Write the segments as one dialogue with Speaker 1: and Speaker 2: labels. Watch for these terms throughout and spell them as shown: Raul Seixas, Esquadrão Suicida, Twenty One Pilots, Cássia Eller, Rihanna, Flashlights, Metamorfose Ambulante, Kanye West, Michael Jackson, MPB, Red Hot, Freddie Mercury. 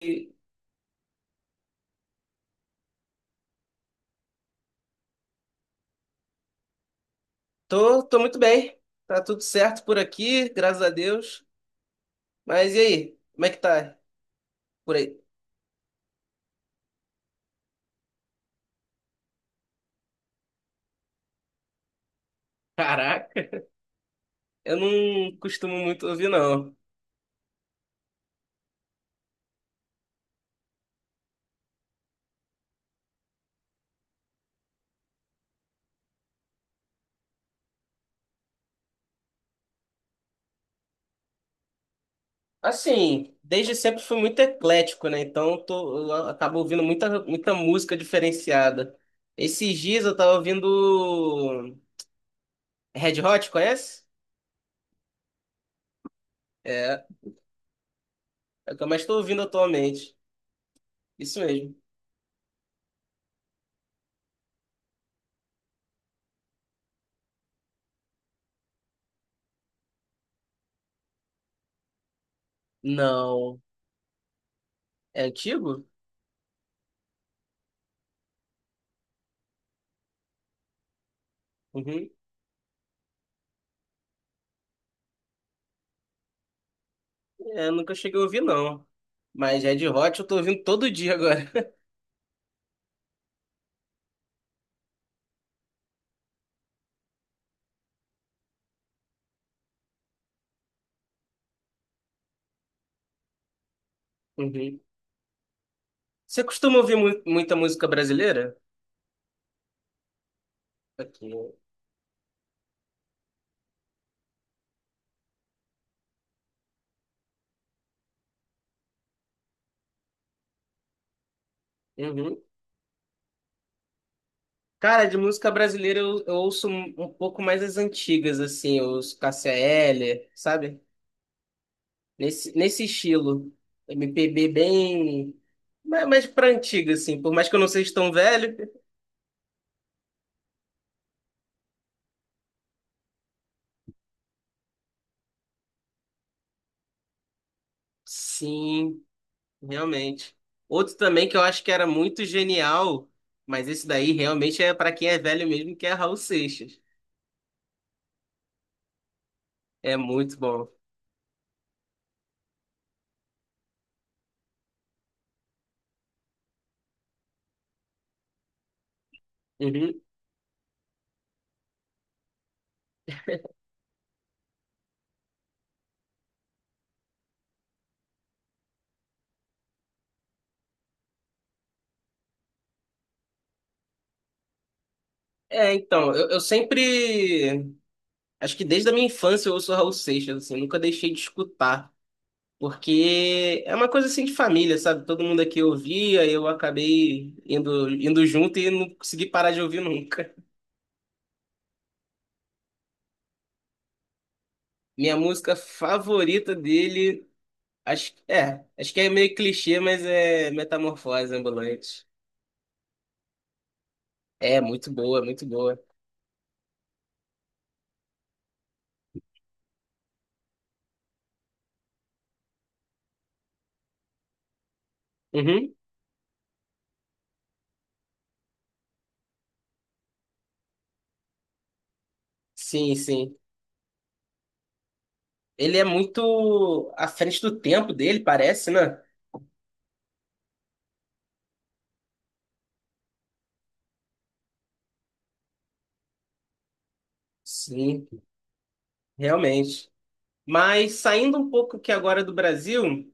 Speaker 1: E Tô muito bem. Tá tudo certo por aqui, graças a Deus. Mas e aí? Como é que tá por aí? Caraca, eu não costumo muito ouvir, não. Assim, desde sempre fui muito eclético, né? Então eu acabo ouvindo muita música diferenciada. Esses dias eu tava ouvindo Red Hot, conhece? É, é o que eu mais tô ouvindo atualmente. Isso mesmo. Não. É antigo? Uhum. É, nunca cheguei a ouvir, não. Mas Red Hot eu tô ouvindo todo dia agora. Uhum. Você costuma ouvir muita música brasileira? Aqui. Uhum. Cara, de música brasileira eu ouço um pouco mais as antigas, assim, os Cássia Eller, sabe? Nesse estilo. MPB bem. Mais pra antiga, assim. Por mais que eu não seja tão velho. Sim. Realmente. Outro também que eu acho que era muito genial, mas esse daí realmente é para quem é velho mesmo, que é Raul Seixas. É muito bom. Uhum. É, então, eu sempre. Acho que desde a minha infância eu ouço Raul Seixas, assim, nunca deixei de escutar. Porque é uma coisa assim de família, sabe? Todo mundo aqui ouvia, eu acabei indo junto e não consegui parar de ouvir nunca. Minha música favorita dele, acho, é, acho que é meio clichê, mas é Metamorfose Ambulante. É muito boa, muito boa. Uhum. Sim, sim. Ele é muito à frente do tempo dele, parece, né? Sim, realmente. Mas saindo um pouco aqui agora do Brasil,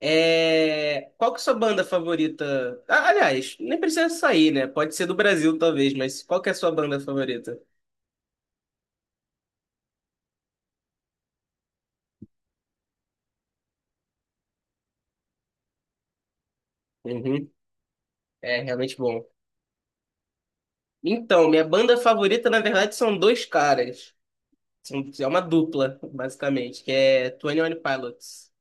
Speaker 1: qual que é a sua banda favorita? Ah, aliás, nem precisa sair, né? Pode ser do Brasil, talvez, mas qual que é a sua banda favorita? Uhum. É realmente bom. Então, minha banda favorita, na verdade, são dois caras. É uma dupla, basicamente, que é Twenty One Pilots.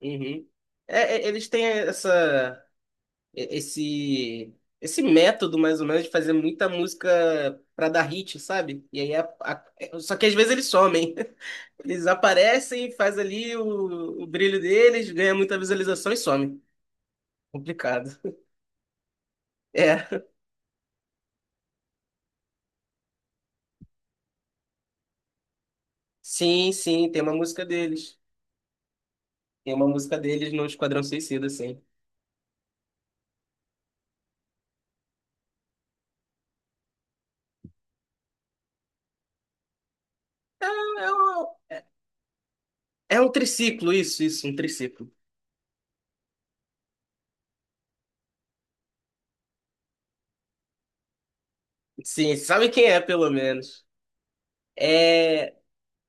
Speaker 1: Uhum. Eles têm e- esse, esse método, mais ou menos, de fazer muita música pra dar hit, sabe? E aí só que às vezes eles somem. Eles aparecem, faz ali o brilho deles, ganha muita visualização e some. Complicado. É. Sim, sim, tem uma música deles. Tem uma música deles no Esquadrão Suicida, sim. É um, é um triciclo, isso, um triciclo. Sim, sabe quem é, pelo menos. É.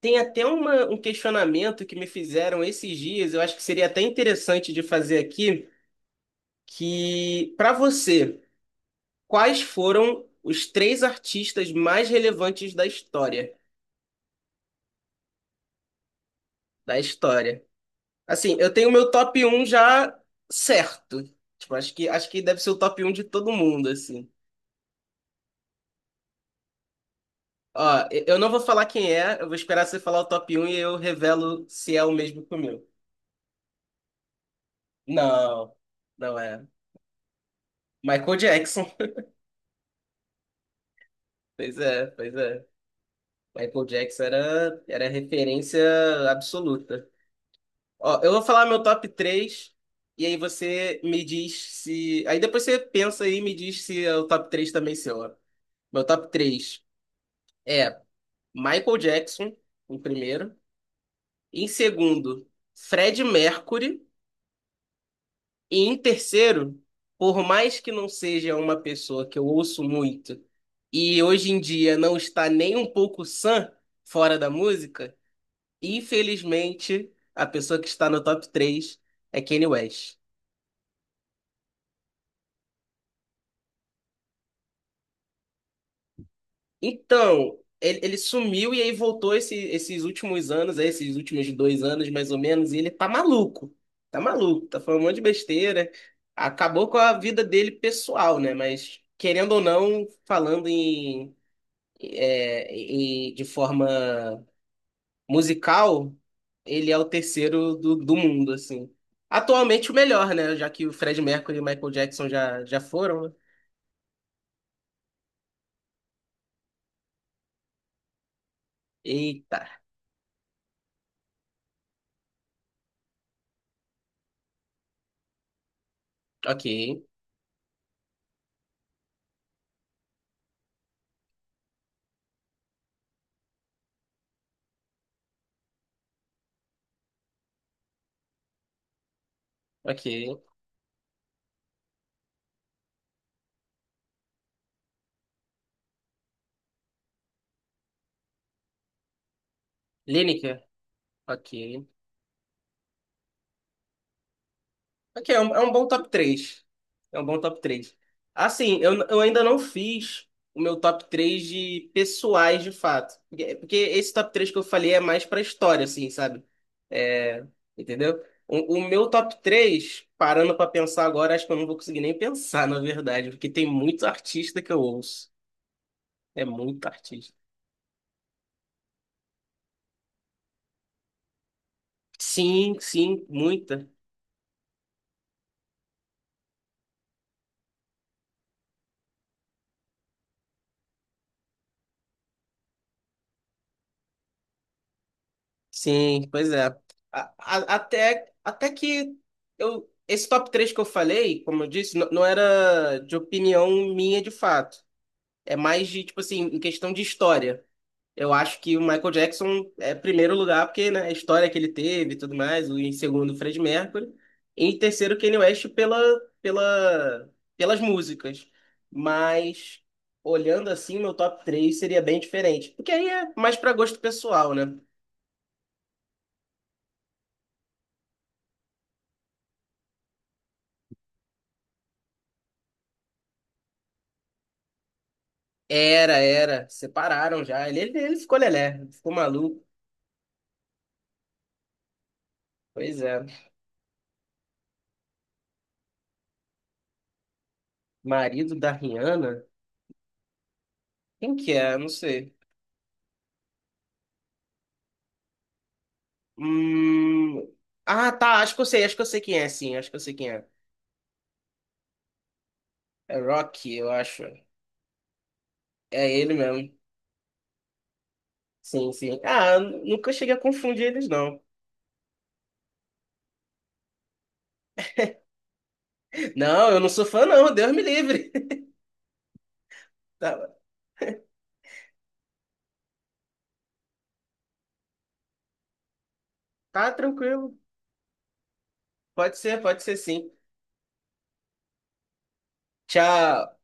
Speaker 1: Tem até um questionamento que me fizeram esses dias, eu acho que seria até interessante de fazer aqui, que para você, quais foram os três artistas mais relevantes da história? Da história. Assim, eu tenho o meu top um já certo. Tipo, acho que deve ser o top um de todo mundo, assim. Ó, eu não vou falar quem é, eu vou esperar você falar o top um e eu revelo se é o mesmo que o meu. Não, não é. Michael Jackson. Pois é, pois é. Michael Jackson era referência absoluta. Ó, eu vou falar meu top 3 e aí você me diz se. Aí depois você pensa aí e me diz se é o top 3 também seu. Ó. Meu top 3 é Michael Jackson, em primeiro. Em segundo, Fred Mercury. E em terceiro, por mais que não seja uma pessoa que eu ouço muito e hoje em dia não está nem um pouco sã fora da música. Infelizmente, a pessoa que está no top 3 é Kanye West. Então, ele sumiu e aí voltou esses últimos anos, aí, esses últimos dois anos mais ou menos, e ele tá maluco. Tá maluco, tá falando um monte de besteira. Acabou com a vida dele pessoal, né? Mas, querendo ou não, falando em, é, em- de forma musical, ele é o terceiro do mundo, assim. Atualmente o melhor, né? Já que o Fred Mercury e o Michael Jackson já foram, né? Eita, ok, ok. Lineker, ok. Ok, é um bom top 3. É um bom top 3. Assim, eu ainda não fiz o meu top 3 de pessoais, de fato. Porque esse top 3 que eu falei é mais pra história, assim, sabe? É, entendeu? O meu top 3, parando pra pensar agora, acho que eu não vou conseguir nem pensar, na verdade. Porque tem muito artista que eu ouço. É muito artista. Sim, sim, muita. Sim, pois é. Até, até que eu, esse top 3 que eu falei, como eu disse, não era de opinião minha de fato. É mais de, tipo assim, em questão de história. Eu acho que o Michael Jackson é primeiro lugar, porque, né, a história que ele teve e tudo mais, em segundo, o Freddie Mercury, e em terceiro, o Kanye West pela, pelas músicas. Mas, olhando assim, meu top 3 seria bem diferente. Porque aí é mais para gosto pessoal, né? Era. Separaram já. Ele ficou lelé, ficou maluco. Pois é. Marido da Rihanna? Quem que é? Não sei. Hum. Ah, tá. Acho que eu sei. Acho que eu sei quem é, sim. Acho que eu sei quem é. É Rock, eu acho. É ele mesmo. Sim, sim. Ah, nunca cheguei a confundir eles, não. Não, eu não sou fã, não. Deus me livre. Tá, tá tranquilo. Pode ser sim. Tchau.